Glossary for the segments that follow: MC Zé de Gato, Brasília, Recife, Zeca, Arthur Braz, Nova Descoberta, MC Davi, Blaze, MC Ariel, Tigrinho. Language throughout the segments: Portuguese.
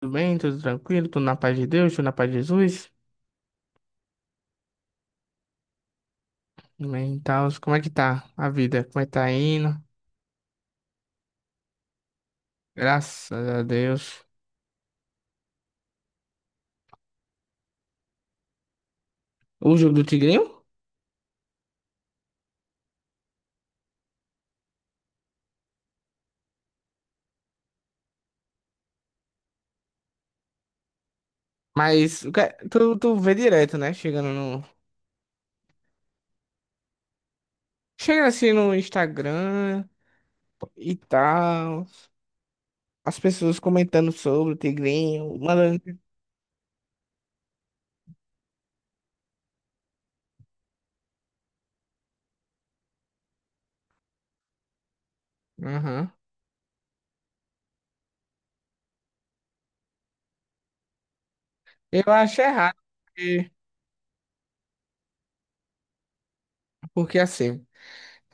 Tudo bem? Tudo tranquilo? Tudo na paz de Deus? Tudo na paz de Jesus? Amém. Então, como é que tá a vida? Como é que tá indo? Graças a Deus. O jogo do Tigrinho? Mas o que- é? Tu vê direto, né? Chegando no. Chega assim no Instagram e tal. As pessoas comentando sobre o Tigrinho, mandando. Aham. Eu acho errado, porque, porque assim.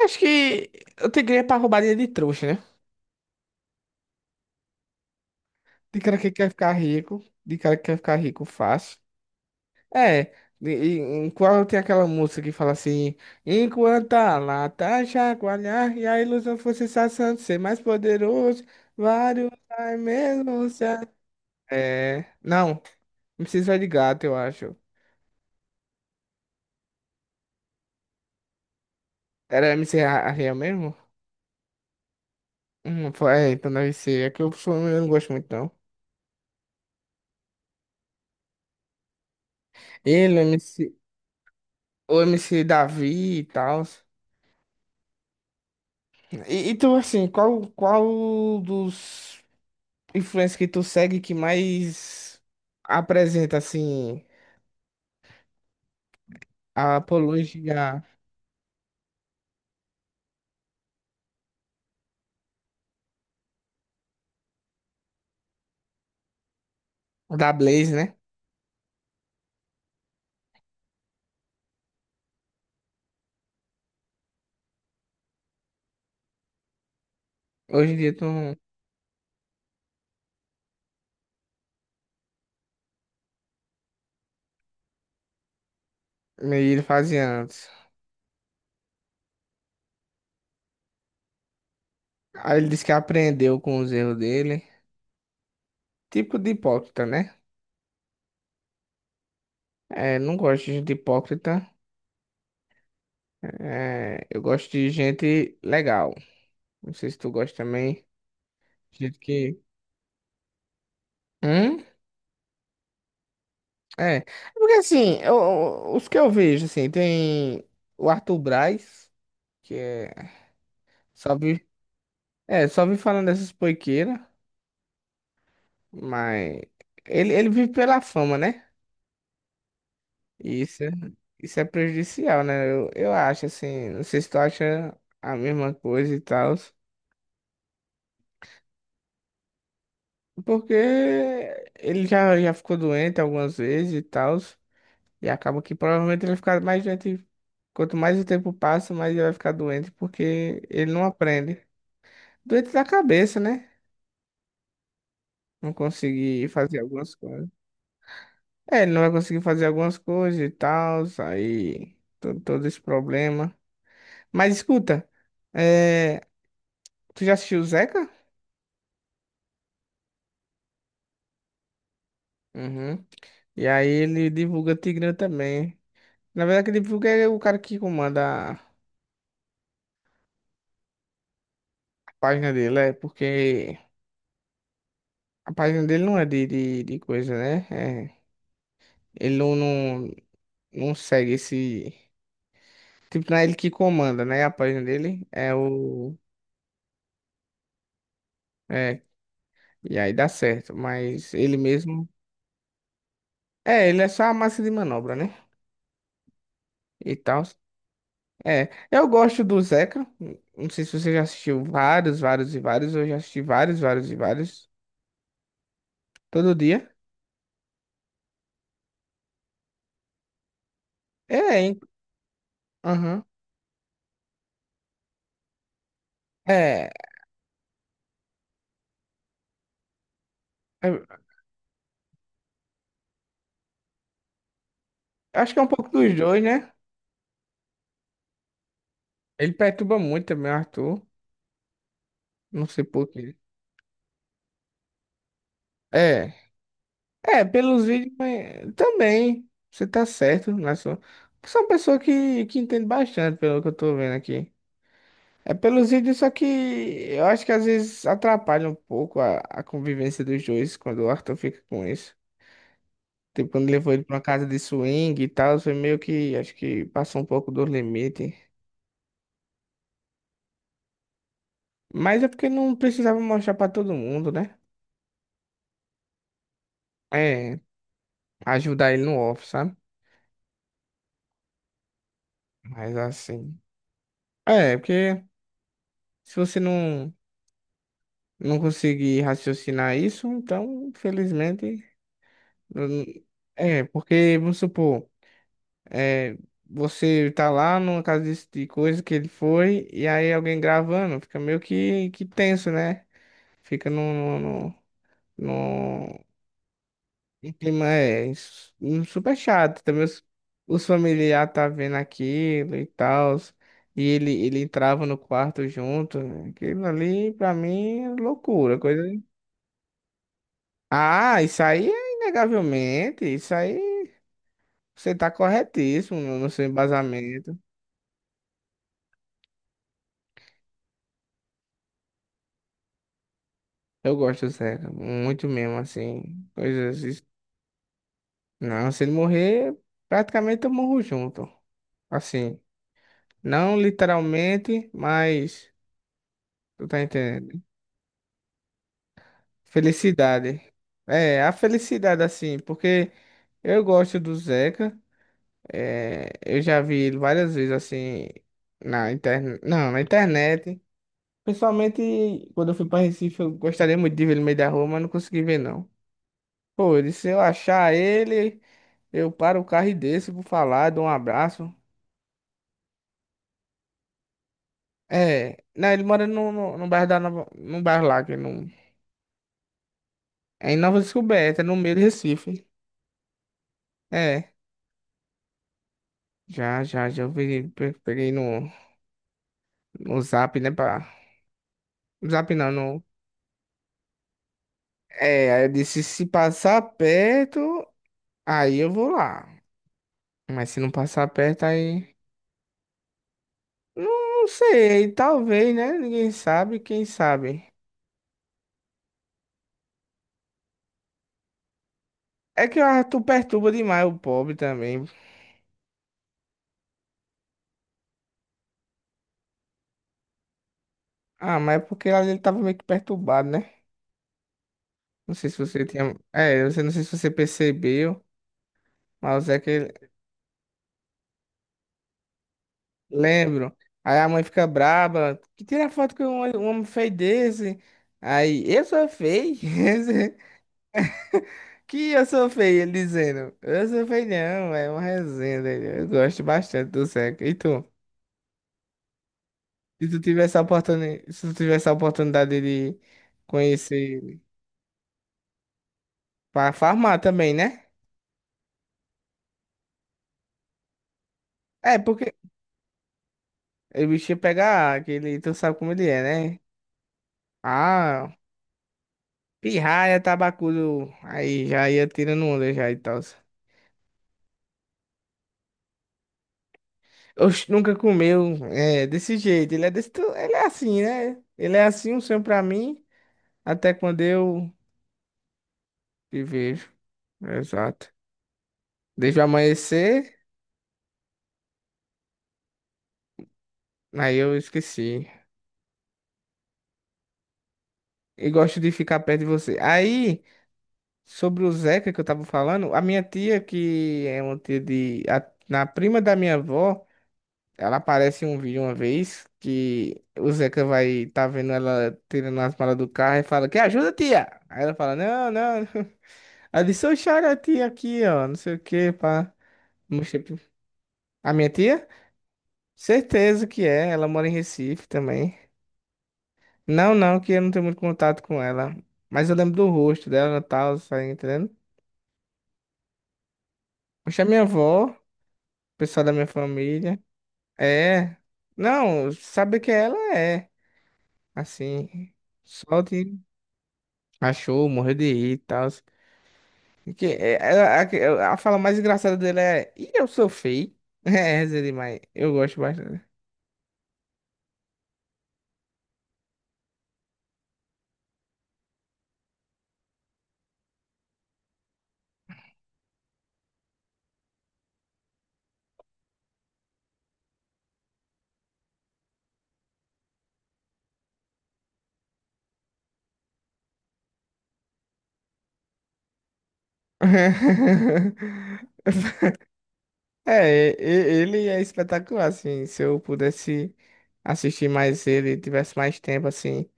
Acho que o Tigrinho é pra roubar dinheiro de trouxa, né? De cara que quer ficar rico, de cara que quer ficar rico fácil. É, em qual tem aquela música que fala assim, enquanto a lata chacoalhar e a ilusão for se de ser mais poderoso, vários vai mesmo se... a- É, não, MC Zé de Gato, eu acho. Era MC Ariel mesmo? Foi, é, então deve ser, é que eu, sou- eu não gosto muito não. Ele, o MC, o MC Davi e tal. E tu, assim, qual dos... influência que tu segue que mais apresenta, assim, a apologia da Blaze, né? Hoje em dia tu não... meio ele fazia antes. Aí ele disse que aprendeu com os erros dele. Tipo de hipócrita, né? É, não gosto de gente hipócrita. É, eu gosto de gente legal. Não sei se tu gosta também. Gente que. Hum? É. É. Porque assim, eu- os que eu vejo, assim, tem o Arthur Braz, que é. Só vive. É, só vi falando dessas poiqueiras, mas ele vive pela fama, né? E isso é prejudicial, né? Eu acho, assim, não sei se tu acha a mesma coisa e tal, porque ele já ficou doente algumas vezes e tal, e acaba que provavelmente ele vai ficar mais doente. Quanto mais o tempo passa, mais ele vai ficar doente, porque ele não aprende. Doente da cabeça, né? Não conseguir fazer algumas coisas. É, ele não vai conseguir fazer algumas coisas e tal, aí to- todo esse problema. Mas escuta, é, tu já assistiu o Zeca? Uhum. E aí ele divulga Tigrão também. Na verdade, quem divulga é o cara que comanda a página dele, é porque a página dele não é de coisa, né? É, ele não segue esse. Tipo, não é ele que comanda, né? A página dele é o. É, e aí dá certo, mas ele mesmo. É, ele é só a massa de manobra, né? E tal. É, eu gosto do Zeca. Não sei se você já assistiu vários, vários e vários. Eu já assisti vários, vários e vários. Todo dia. É, hein? Aham. É, eu acho que é um pouco dos dois, né? Ele perturba muito também, o Arthur. Não sei por quê. É, pelos vídeos mas também. Você tá certo, né? Sou uma pessoa que entende bastante, pelo que eu tô vendo aqui. É pelos vídeos, só que eu acho que às vezes atrapalha um pouco a convivência dos dois quando o Arthur fica com isso. Tipo, quando levou ele pra uma casa de swing e tal, foi meio que, acho que passou um pouco do limite. Mas é porque não precisava mostrar pra todo mundo, né? É, ajudar ele no off, sabe? Mas assim. É, porque se você não conseguir raciocinar isso, então, infelizmente. Não- É, porque, vamos supor. É, você tá lá numa casa desse- de coisa que ele foi, e aí alguém gravando, fica meio que tenso, né? Fica num um clima é, s- um super chato. Também os familiares tá vendo aquilo e tal, e ele entrava no quarto junto, né? Aquilo ali, pra mim, é loucura, coisa. Ah, isso aí é inegavelmente, isso aí você tá corretíssimo no seu embasamento. Eu gosto do Zeca, muito mesmo, assim. Coisas. Es- Não, se ele morrer, praticamente eu morro junto. Assim, não literalmente, mas. Tu tá entendendo? Felicidade. É, a felicidade, assim, porque eu gosto do Zeca. É, eu já vi ele várias vezes, assim, na internet. Não, na internet. Pessoalmente, quando eu fui pra Recife, eu gostaria muito de ver ele no meio da rua, mas não consegui ver, não. Pô, ele- se eu achar ele. Eu paro o carro e desço, vou falar, dou um abraço. É, né, ele mora no bairro da Nova, no bairro lá, que não, é em Nova Descoberta, no meio de Recife. É, já eu peguei, pe- peguei no, no Zap, né, pra, no Zap não, no, é, aí eu disse, se passar perto, aí eu vou lá. Mas se não passar perto, aí, não, não sei, talvez, né, ninguém sabe, quem sabe. É que o Arthur perturba demais o pobre também. Ah, mas é porque ele tava meio que perturbado, né? Não sei se você tinha. É, eu não sei se você percebeu, mas é que lembro. Aí a mãe fica braba. Que tira foto com um homem feio desse. Aí, eu sou feio. Que eu sou feio, ele dizendo. Eu sou feio, não, é uma resenha dele. Eu gosto bastante do Zeca. E tu? Se tu tivesse a oportunidade, se tu tivesse a oportunidade de conhecer ele pra farmar também, né? É, porque o bicho ia pegar aquele, tu sabe como ele é, né? Ah. Pirraia, tabacudo, aí já ia tirando onda já e tal. Oxe, nunca comeu, é, desse jeito, ele é desse, tu- ele é assim, né? Ele é assim, um sonho pra mim, até quando eu te vejo, exato. Desde o amanhecer, aí eu esqueci. E gosto de ficar perto de você. Aí, sobre o Zeca que eu tava falando, a minha tia, que é uma tia de, a, na prima da minha avó, ela aparece em um vídeo uma vez que o Zeca vai tá vendo ela tirando as malas do carro e fala, que ajuda, tia? Aí ela fala, não. Não. Ela disse, eu choro a tia aqui, ó, não sei o que, pá. Mostrei pro- A minha tia? Certeza que é, ela mora em Recife também. Não, não, que eu não tenho muito contato com ela. Mas eu lembro do rosto dela e tal, tá entendendo? Poxa, a minha avó, o pessoal da minha família. É. Não, sabe que ela é, assim. Só de. Achou, morreu de rir e tal. Que, a, que- é, a fala mais engraçada dele é: E eu sou feio? É, essa é demais. Eu gosto bastante. É, ele é espetacular, assim. Se eu pudesse assistir mais ele, tivesse mais tempo, assim,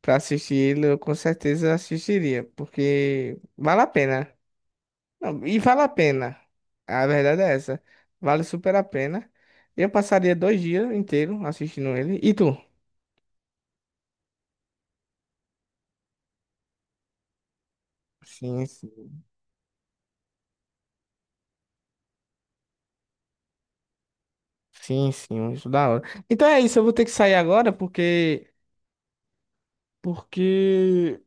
pra assistir ele, eu com certeza assistiria, porque vale a pena. Não, e vale a pena. A verdade é essa. Vale super a pena. Eu passaria dois dias inteiros assistindo ele. E tu? Sim. Sim, sim, isso da hora. Então é isso, eu vou ter que sair agora porque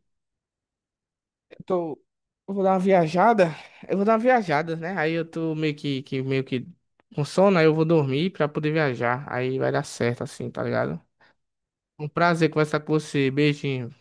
eu tô. Eu vou dar uma viajada, eu vou dar uma viajada, né? Aí eu tô meio que com sono, aí eu vou dormir pra poder viajar. Aí vai dar certo assim, tá ligado? Um prazer conversar com você. Beijinho.